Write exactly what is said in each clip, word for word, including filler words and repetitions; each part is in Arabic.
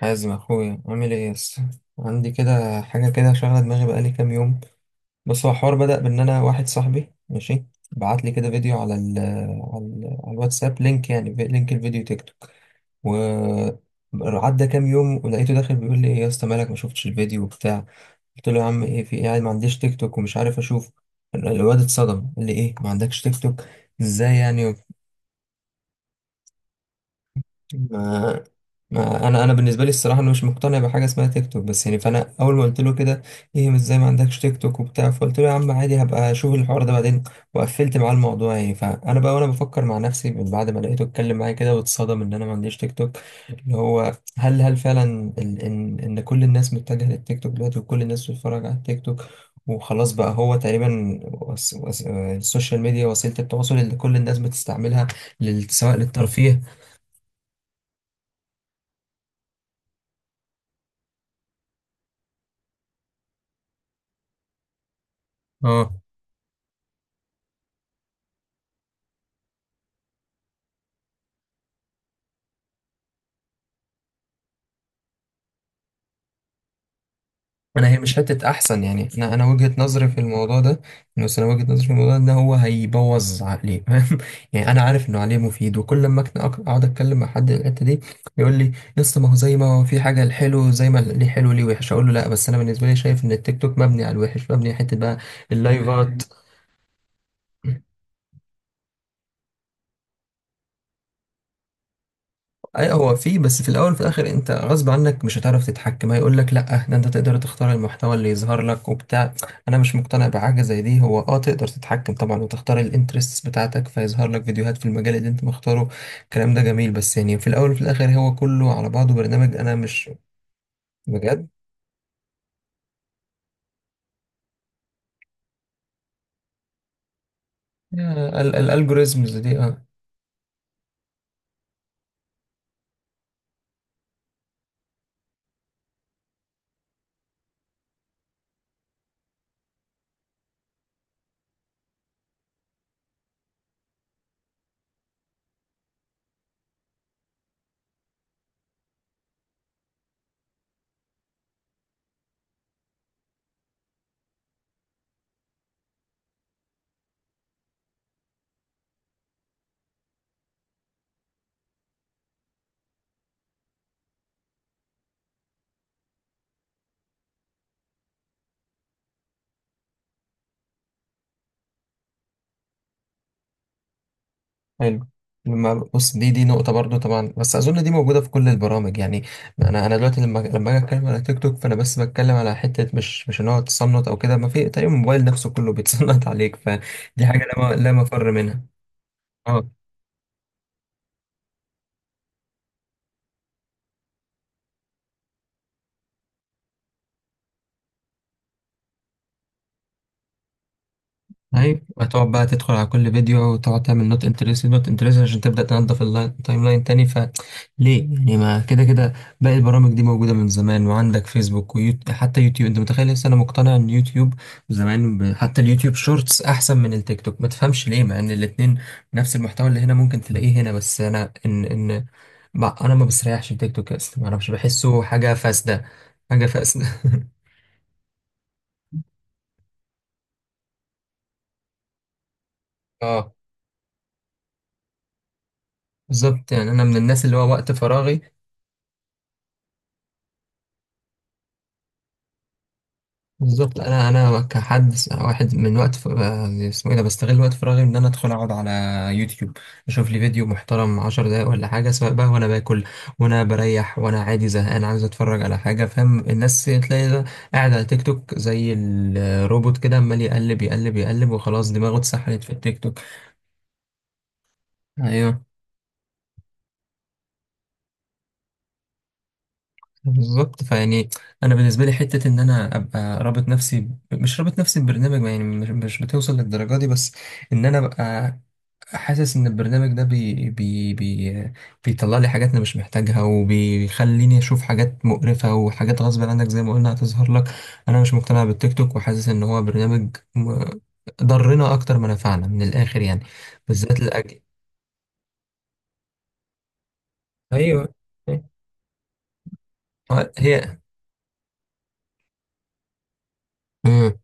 حازم اخويا، عامل ايه يس؟ عندي كده حاجه كده شغله دماغي بقالي كام يوم. بس هو الحوار بدا بان انا واحد صاحبي ماشي بعت لي كده فيديو على ال على, ال على الواتساب، لينك يعني في- لينك الفيديو تيك توك. و عدى كام يوم ولقيته داخل بيقول لي: ايه يا اسطى، مالك ما شفتش الفيديو وبتاع؟ قلت له: يا عم ايه، في ايه يعني، ما عنديش تيك توك ومش عارف اشوف. الواد اتصدم قال لي: ايه، ما عندكش تيك توك؟ ازاي يعني؟ ما ما انا انا بالنسبه لي الصراحه، انا مش مقتنع بحاجه اسمها تيك توك بس. يعني فانا اول ما قلت له كده: ايه، مش زي ما عندكش تيك توك وبتاع. فقلت له: يا عم عادي، هبقى اشوف الحوار ده بعدين. وقفلت معاه الموضوع يعني. فانا بقى وانا بفكر مع نفسي، من بعد ما لقيته اتكلم معايا كده واتصدم ان انا ما عنديش تيك توك، اللي هو هل هل فعلا ال- ان ان كل الناس متجهه للتيك توك دلوقتي، وكل الناس بتتفرج على التيك توك، وخلاص بقى هو تقريبا وس... وس... آه، السوشيال ميديا وسيله التواصل اللي كل الناس بتستعملها، لل... سواء للترفيه. اه، انا هي مش حته احسن يعني. انا انا وجهه نظري في الموضوع ده. بس انا وجهه نظري في الموضوع ده ان هو هيبوظ عقلي فاهم؟ يعني انا عارف انه عليه مفيد، وكل ما أكن- أك- اقعد اتكلم مع حد الحته دي يقول لي: لسه ما هو زي ما هو، في حاجه الحلو، زي ما ليه حلو ليه وحش. اقول له: لا، بس انا بالنسبه لي شايف ان التيك توك مبني على الوحش، مبني على حته بقى. اللايفات اي هو فيه. بس في الاول وفي الاخر انت غصب عنك مش هتعرف تتحكم. هيقول لك: لا ده انت تقدر تختار المحتوى اللي يظهر لك وبتاع. انا مش مقتنع بحاجه زي دي. هو اه، تقدر تتحكم طبعا وتختار الانترستس بتاعتك فيظهر لك فيديوهات في المجال اللي انت مختاره. الكلام ده جميل، بس يعني في الاول وفي الاخر هو كله على بعضه برنامج، انا مش. بجد. الالجوريزمز دي، اه. حلو. لما بص، دي دي نقطة برضو طبعا، بس أظن دي موجودة في كل البرامج يعني. أنا أنا دلوقتي لما لما أجي أتكلم على تيك توك، فأنا بس بتكلم على حتة، مش مش إن هو تصنت أو كده، ما في تقريبا الموبايل نفسه كله بيتصنت عليك، فدي حاجة لا م- لا مفر منها. اه. ايوه، هتقعد بقى تدخل على كل فيديو وتقعد تعمل نوت انترست نوت انترست عشان تبدا تنظف التايم لاين تاني. فليه يعني، ما كده كده باقي البرامج دي موجوده من زمان، وعندك فيسبوك ويوتيوب. حتى يوتيوب انت متخيل، لسه انا مقتنع ان يوتيوب، زمان ب... حتى اليوتيوب شورتس احسن من التيك توك، ما تفهمش ليه، مع ان الاتنين نفس المحتوى اللي هنا ممكن تلاقيه هنا. بس انا ان ان ما... انا ما بستريحش التيك توك اصلا، ما اعرفش، بحسه حاجه فاسده. حاجه فاسده اه. بالظبط يعني، انا من الناس اللي هو وقت فراغي. بالظبط، انا انا كحد س- واحد من وقت ف... آه، اسمه ايه ده، بستغل وقت فراغي ان انا ادخل اقعد على يوتيوب، اشوف لي فيديو محترم عشر دقايق ولا حاجه، سواء بقى وانا باكل وانا بريح وانا عادي زهقان عايز اتفرج على حاجه. فاهم؟ الناس تلاقي ده قاعد على تيك توك زي الروبوت كده، عمال يقلب يقلب يقلب، وخلاص دماغه اتسحلت في التيك توك. ايوه، بالظبط. فيعني انا بالنسبه لي حته ان انا ابقى رابط نفسي ب- مش رابط نفسي ببرنامج يعني، مش مش بتوصل للدرجه دي. بس ان انا ابقى حاسس ان البرنامج ده بي بي بي بيطلع لي حاجات انا مش محتاجها، وبيخليني اشوف حاجات مقرفة، وحاجات غصب عنك زي ما قلنا هتظهر لك. انا مش مقتنع بالتيك توك، وحاسس ان هو برنامج م- ضرنا اكتر ما نفعنا من الاخر يعني، بالذات الاجل. ايوه. آه، هي. مم.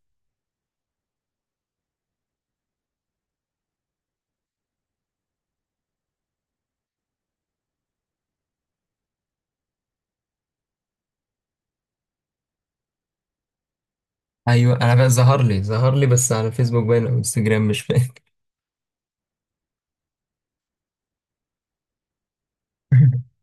ايوه، انا بقى ظهر لي ظهر لي بس، على فيسبوك باين او انستجرام مش فاكر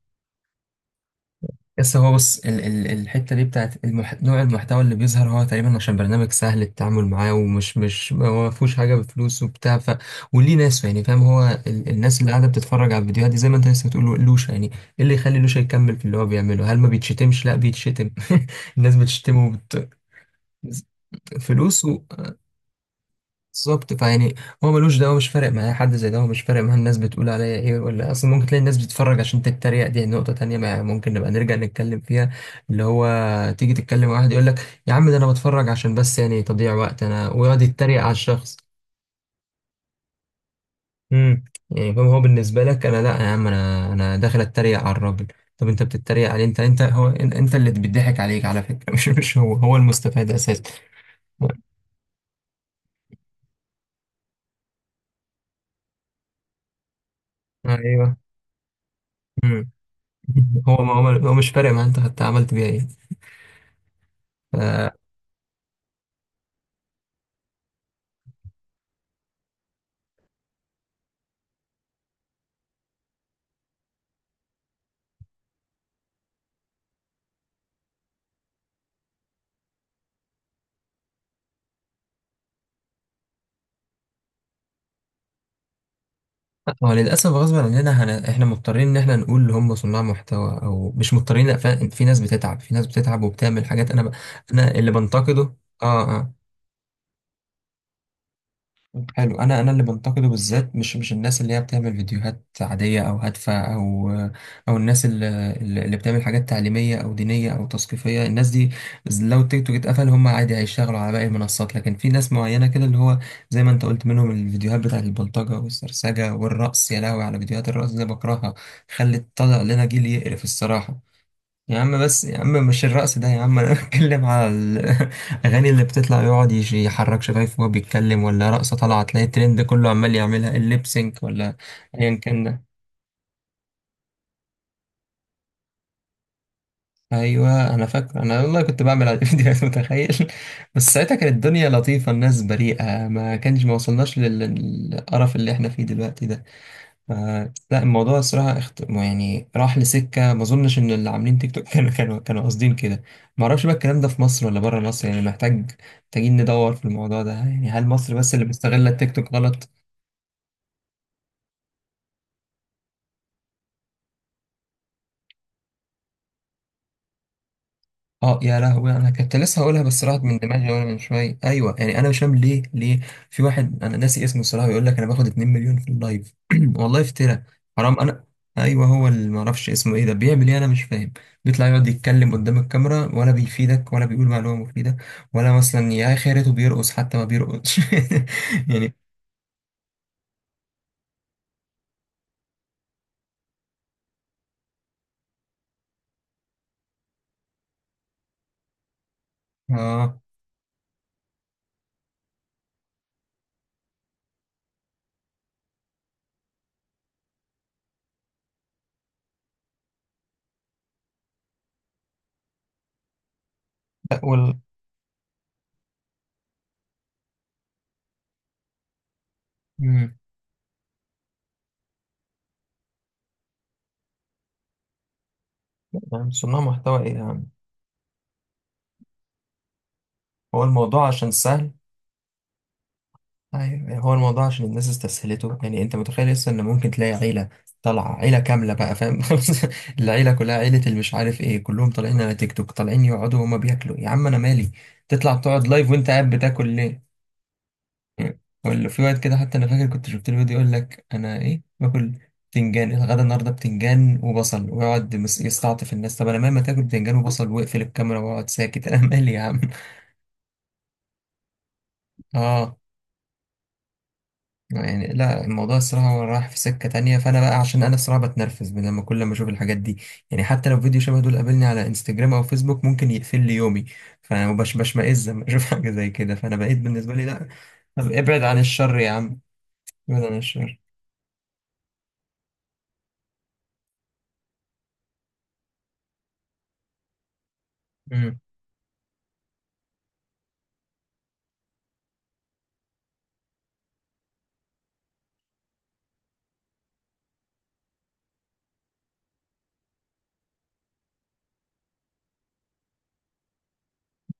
بس هو بص، ال ال الحتة دي بتاعت المح... نوع المحتوى اللي بيظهر، هو تقريبا عشان برنامج سهل التعامل معاه، ومش مش هو ما فيهوش حاجة بفلوس وبتاع ف. وليه ناس، يعني فاهم؟ هو ال الناس اللي قاعدة بتتفرج على الفيديوهات دي، زي ما انت لسه بتقول لوشا، يعني ايه اللي يخلي لوشا يكمل في اللي هو بيعمله؟ هل ما بيتشتمش؟ لا، بيتشتم الناس بتشتمه وبت... فلوس. بالظبط، فيعني هو ملوش دعوه، مش فارق معاه. حد زي ده هو مش فارق معاه الناس بتقول عليا ايه، ولا اصلا ممكن تلاقي الناس بتتفرج عشان تتريق. دي نقطه تانية ما ممكن نبقى نرجع نتكلم فيها، اللي هو تيجي تتكلم مع واحد يقول لك: يا عم ده انا بتفرج عشان بس يعني تضييع وقت، انا، ويقعد يتريق على الشخص. امم يعني فاهم؟ هو بالنسبه لك، انا لا يا عم، انا انا داخل اتريق على الراجل. طب انت بتتريق عليه؟ انت انت هو ان- انت اللي بيضحك عليك على فكره مش مش هو هو المستفاد اساسا. ايوه. امم هو ما هو، هو مش فارق معاه انت حتى عملت بيها ايه. آه. هو للأسف غصب عننا، هن... احنا مضطرين ان احنا نقول اللي هم صناع محتوى، او مش مضطرين، لأ، فعلا في ناس بتتعب، في ناس بتتعب وبتعمل حاجات. انا ب... انا اللي بنتقده. اه، اه، حلو. انا انا اللي بنتقده بالذات، مش مش الناس اللي هي بتعمل فيديوهات عاديه او هادفه، او او الناس اللي اللي بتعمل حاجات تعليميه او دينيه او تثقيفيه. الناس دي لو التيك توك اتقفل هم عادي هيشتغلوا على باقي المنصات. لكن في ناس معينه كده، اللي هو زي ما انت قلت منهم، الفيديوهات بتاعت البلطجه والسرسجه والرقص. يا لهوي على فيديوهات الرقص دي، بكرهها. خلت طلع لنا جيل يقرف الصراحه. يا عم بس يا عم، مش الرقص ده يا عم، انا بتكلم على الاغاني اللي بتطلع، يقعد يش- يحرك شفايفه وهو بيتكلم، ولا رقصه طالعه تلاقي الترند كله عمال يعملها الليبسينك ولا ايا كان ده. ايوه، انا فاكر، انا والله كنت بعمل على الفيديوهات متخيل؟ بس ساعتها كانت الدنيا لطيفه، الناس بريئه، ما كانش، ما وصلناش للقرف اللي احنا فيه دلوقتي ده. ف- لا، الموضوع الصراحة اخت... يعني راح لسكة ما اظنش ان اللي عاملين تيك توك كانوا كانوا كانوا قاصدين كده. ما اعرفش بقى الكلام ده في مصر ولا بره مصر يعني. محتاج محتاجين ندور في الموضوع ده يعني، هل مصر بس اللي مستغلة التيك توك غلط؟ اه يا لهوي، انا كنت لسه هقولها بس راحت من دماغي وانا من شويه. ايوه يعني انا مش فاهم ليه ليه. في واحد انا ناسي اسمه الصراحه، بيقول لك انا باخد 2 مليون في اللايف والله افترى حرام. انا ايوه، هو اللي ما اعرفش اسمه ايه ده، بيعمل ايه انا مش فاهم، بيطلع يقعد يتكلم قدام الكاميرا، ولا بيفيدك ولا بيقول معلومه مفيده، ولا مثلا يا خيرته بيرقص، حتى ما بيرقصش يعني اه، لا وال مم. يعني صناع محتوى ايه يا عم؟ هو الموضوع عشان سهل. أيوة. يعني هو الموضوع عشان الناس استسهلته. يعني انت متخيل لسه ان ممكن تلاقي عيلة طالعة، عيلة كاملة بقى، فاهم؟ العيلة كلها، عيلة اللي مش عارف ايه، كلهم طالعين على تيك توك، طالعين يقعدوا وهما بياكلوا. يا عم انا مالي، تطلع تقعد لايف وانت قاعد بتاكل ليه؟ ولا في وقت كده حتى، انا فاكر كنت شفت له فيديو يقول لك: انا ايه باكل؟ بتنجان الغدا النهارده، بتنجان وبصل، ويقعد مس- يستعطف الناس. طب انا مهما تاكل بتنجان وبصل، واقفل الكاميرا واقعد ساكت انا مالي يا عم. اه. يعني لا، الموضوع الصراحة هو رايح في سكة تانية. فأنا بقى، عشان أنا الصراحة بتنرفز من لما، كل ما أشوف الحاجات دي يعني، حتى لو فيديو شبه دول قابلني على انستجرام أو فيسبوك ممكن يقفل لي يومي. فأنا مبش- بشمئز لما أشوف حاجة زي كده. فأنا بقيت بالنسبة لي لا، طب ابعد عن الشر يا عم، ابعد عن الشر. مم.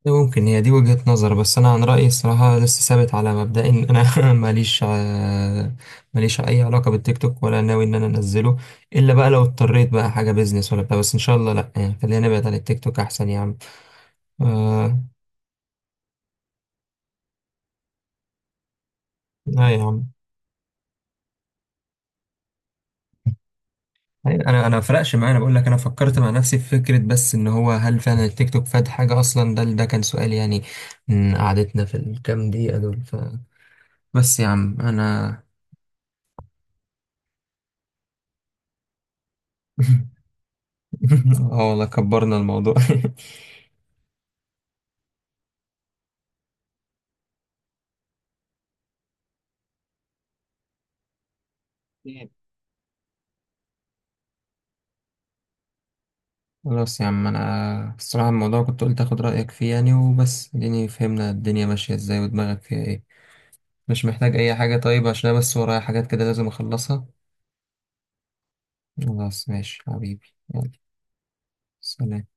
ممكن هي دي وجهة نظر، بس أنا عن رأيي الصراحة لسه ثابت على مبدأي إن أنا ماليش آه، ماليش أي علاقة بالتيك توك، ولا ناوي إن أنا أنزله، إلا بقى لو اضطريت بقى حاجة بيزنس ولا بتاع. بس إن شاء الله لأ يعني، خلينا نبعد عن التيك توك أحسن يا عم. آه. لا يا عم، انا انا ما فرقش معايا، انا بقول لك انا فكرت مع نفسي في فكره بس، ان هو هل فعلا التيك توك فاد حاجه اصلا؟ ده ده كان سؤال يعني، من قعدتنا في الكام دقيقه دول ف... بس يا عم انا اه والله كبرنا الموضوع خلاص يا عم، انا الصراحه الموضوع كنت قلت اخد رايك فيه يعني وبس، اديني فهمنا الدنيا ماشيه ازاي ودماغك فيها ايه. مش محتاج اي حاجه، طيب، عشان أنا بس ورايا حاجات كده لازم اخلصها. خلاص ماشي حبيبي، يلا، سلام.